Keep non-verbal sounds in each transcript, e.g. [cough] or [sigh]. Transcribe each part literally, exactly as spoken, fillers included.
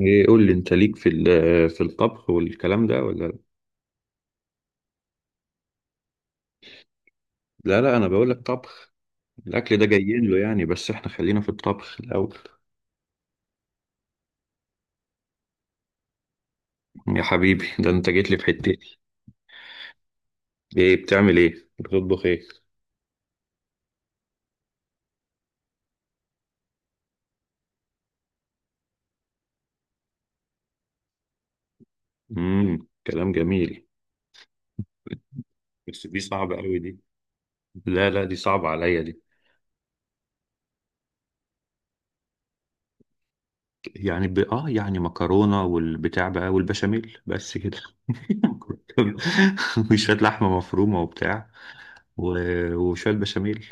ايه، قول لي انت ليك في ال- في الطبخ والكلام ده ولا؟ لا لا، انا بقول لك طبخ. الاكل ده جايين له يعني، بس احنا خلينا في الطبخ الاول. يا حبيبي، ده انت جيت لي في حتتي. ايه بتعمل؟ ايه بتطبخ؟ ايه؟ امم كلام جميل. بس دي صعبة قوي دي. لا لا، دي صعبة عليا دي. يعني ب... اه يعني مكرونة والبتاع بقى والبشاميل، بس كده. [laughs] وشوية لحمة مفرومة وبتاع و... وشوية بشاميل.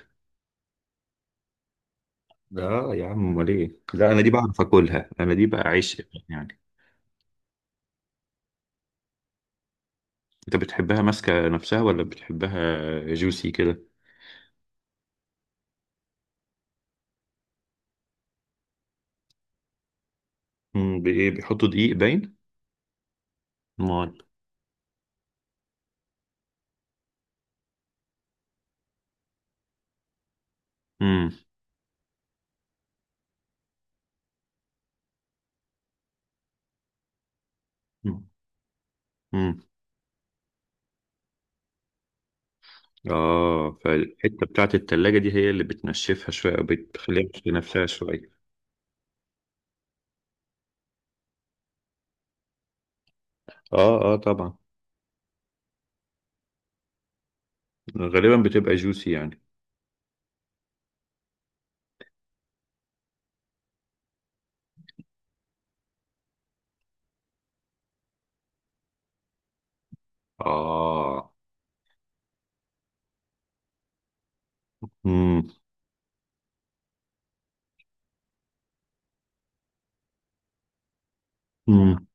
اه يا عم، امال ايه؟ لا انا دي بعرف اكلها، انا دي بقى عيش يعني. انت بتحبها ماسكه نفسها ولا بتحبها جوسي كده؟ امم بايه؟ بيحطوا دقيق باين؟ امال. امم. امم. اه فالحته بتاعت التلاجة دي هي اللي بتنشفها شويه او بتخليها في نفسها شويه. اه اه طبعا. غالبا بتبقى جوسي يعني. اه. امم. امم.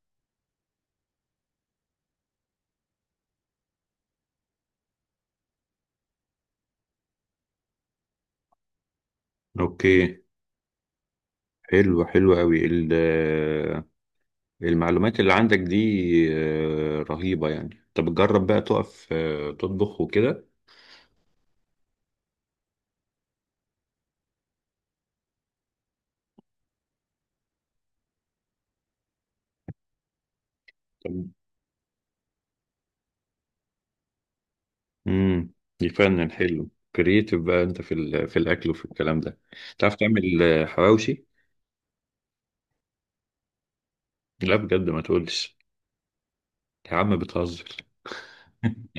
اوكي. حلو، حلو قوي المعلومات اللي عندك دي آه، رهيبة يعني. طب جرب بقى تقف آه، تطبخ وكده. طب. امم. يفنن، حلو. كرييتيف بقى انت في ال- في الاكل وفي الكلام ده. تعرف تعمل آه، حواوشي؟ لا بجد، ما تقولش. يا عم بتهزر. [laughs]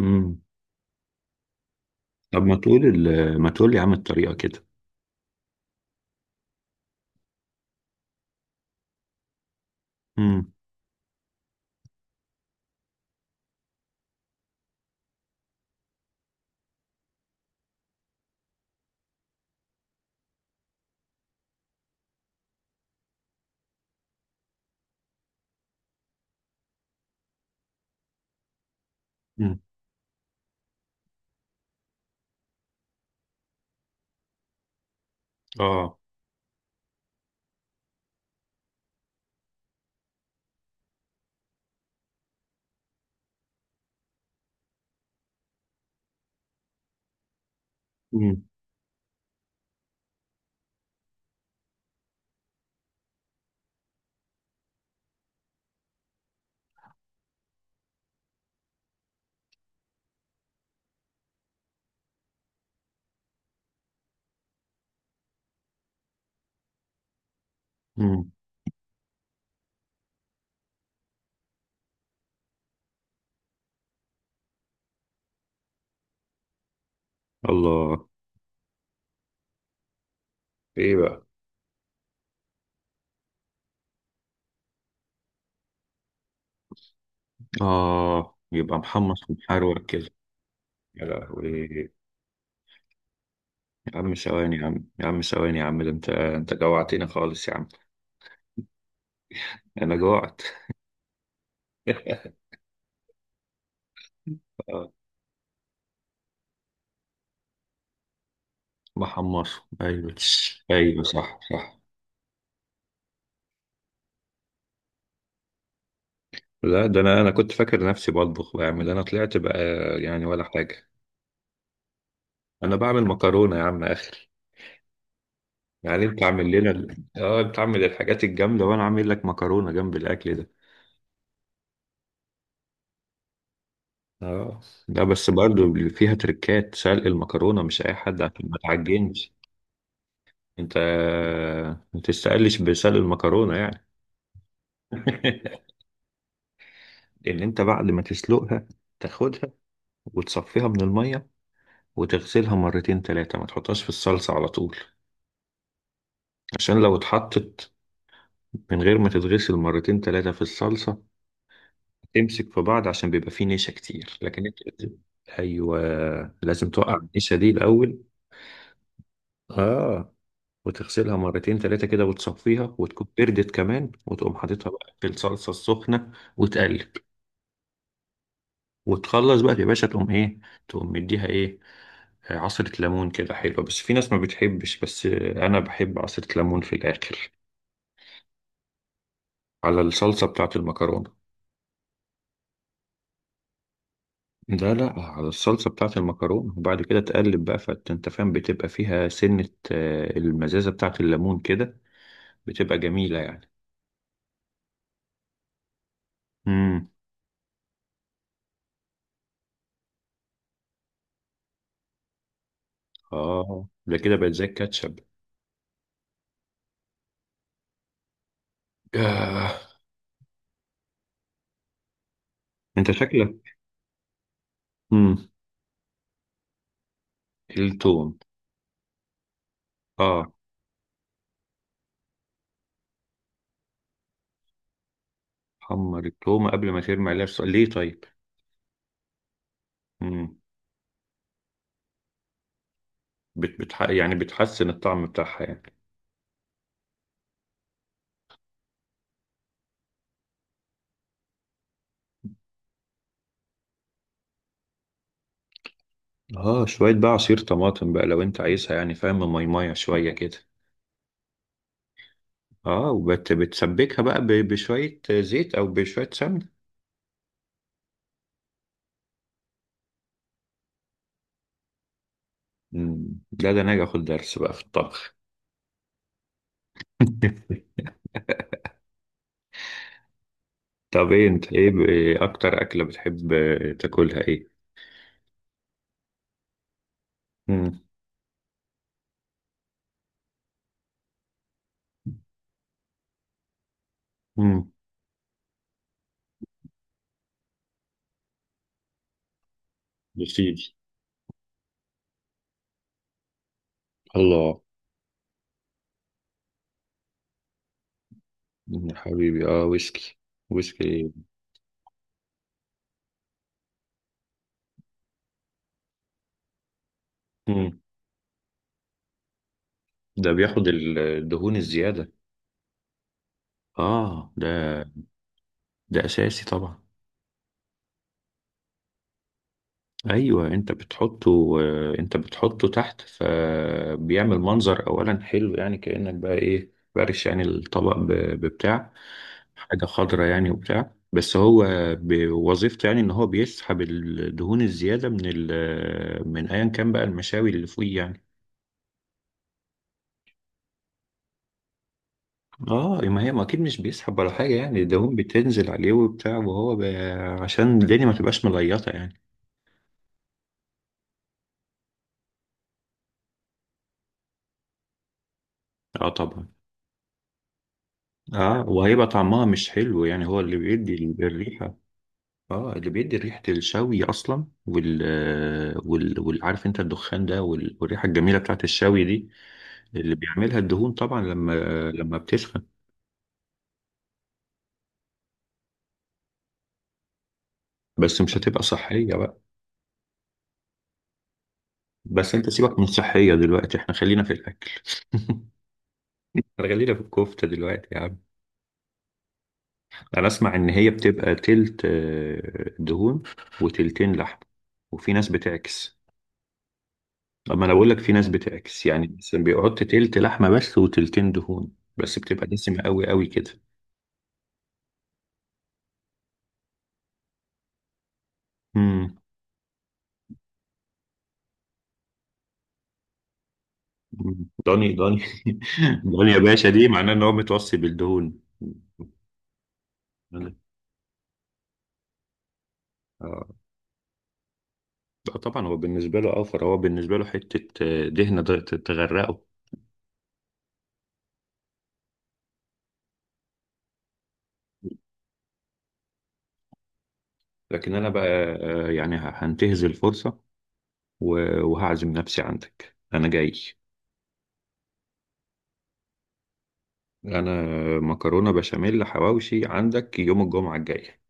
امم. طب ما تقول ال- ما تقول يا عم الطريقة كده. امم. امم. اه. امم. امم. الله. ايه بقى؟ اه يبقى محمص ومحروق كده. يا لهوي. يا عم ثواني، يا عم، يا عم ثواني يا عم، ده انت انت جوعتني خالص يا عم. انا جوعت. [laughs] آه. محمص. ايوه. ايوه، صح صح. لا ده انا انا كنت فاكر نفسي بطبخ بعمل، انا طلعت بقى يعني ولا حاجه. انا بعمل مكرونه يا عم اخر. يعني انت عامل لنا ال- اه انت عامل الحاجات الجامده، وانا عامل لك مكرونه جنب الاكل ده. اه. لا بس برضو فيها تركات، سلق المكرونه مش اي حد، عشان ما تعجنش. انت ما تستقلش بسلق المكرونه يعني. [laughs] ان انت بعد ما تسلقها، تاخدها وتصفيها من المية وتغسلها مرتين تلاتة، ما تحطهاش في الصلصة على طول. عشان لو اتحطت من غير ما تتغسل مرتين تلاتة في الصلصة، تمسك في بعض، عشان بيبقى فيه نشا كتير، لكن انت لازم. ايوه، لازم توقع النشا دي الاول. اه، وتغسلها مرتين تلاتة كده وتصفيها، وتكون بردت كمان، وتقوم حاططها بقى في الصلصة السخنة وتقلب. وتخلص بقى يا باشا. تقوم ايه؟ تقوم مديها ايه؟ آه، عصرة ليمون كده حلوة. بس في ناس ما بتحبش، بس آه، أنا بحب عصرة ليمون في الآخر. على الصلصة بتاعة المكرونة. لا لا، على الصلصة بتاعة المكرونة، وبعد كده تقلب بقى. فأنت فاهم بتبقى فيها سنة آه، المزازة بتاعة الليمون كده. بتبقى جميلة يعني. امم. اه، ده كده بقت زي الكاتشب. آه. انت شكلك. امم. التوم. اه. حمر التومة قبل ما ترمي عليها الص- ليه طيب؟ امم. بت... بتح... يعني بتحسن الطعم بتاعها يعني. اه شوية بقى عصير طماطم بقى، لو انت عايزها يعني، فاهم؟ ميمية شوية كده. اه، وبت بتسبكها بقى ب- بشوية زيت او بشوية سمنة. مم. لا ده انا هاجي اخد درس بقى في الطبخ. [laughs] طب ايه انت؟ ايه ب- إيه اكتر اكلة بتحب تاكلها؟ ايه؟ امم. امم. يا سيدي. الله. مم، يا حبيبي. اه، ويسكي. ويسكي. امم. ده بياخد الدهون الزيادة. اه ده. ده اساسي طبعا. ايوه، انت بتحطه آه، انت بتحطه تحت، فبيعمل منظر اولا حلو يعني، كأنك بقى ايه بارش يعني الطبق ب- ببتاع، حاجة خضرة يعني وبتاع. بس هو بوظيفته يعني، ان هو بيسحب الدهون الزيادة من ال من ايا كان بقى المشاوي اللي فوقيه يعني. اه، ما هي ما اكيد مش بيسحب ولا حاجة يعني، الدهون بتنزل عليه وبتاع، وهو ب... عشان الدنيا ما تبقاش مليطة يعني. اه طبعا. اه وهيبقى طعمها مش حلو يعني، هو اللي بيدي الريحة. اه اللي بيدي ريحة الشوي أصلا، وال وال والعارف أنت الدخان ده وال- والريحة الجميلة بتاعت الشوي دي. اللي بيعملها الدهون طبعا لما لما بتسخن. بس مش هتبقى صحية بقى. بس أنت سيبك من الصحية دلوقتي، إحنا خلينا في الأكل. [laughs] احنا خلينا في الكفتة دلوقتي يا عم. أنا أسمع إن هي بتبقى تلت آه، دهون وتلتين لحم، وفي ناس بتعكس. أما أنا بقول لك في ناس بتعكس، يعني مثلا بيحط تلت لحمة بس وتلتين دهون، بس بتبقى دسمة قوي قوي كده. امم. دوني دوني. [laughs] دوني يا باشا، دي معناه ان هو متوصي بالدهون. مم. اه. لا طبعا هو بالنسبه له اوفر، هو بالنسبه له حته آه، دهنه تغ- تغرقه. لكن انا بقى آه، يعني ه- هنتهز الفرصه و- وهعزم نفسي عندك، انا جاي. انا مكرونه بشاميل حواوشي عندك يوم الجمعه الجايه.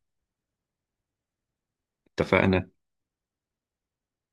اتفقنا.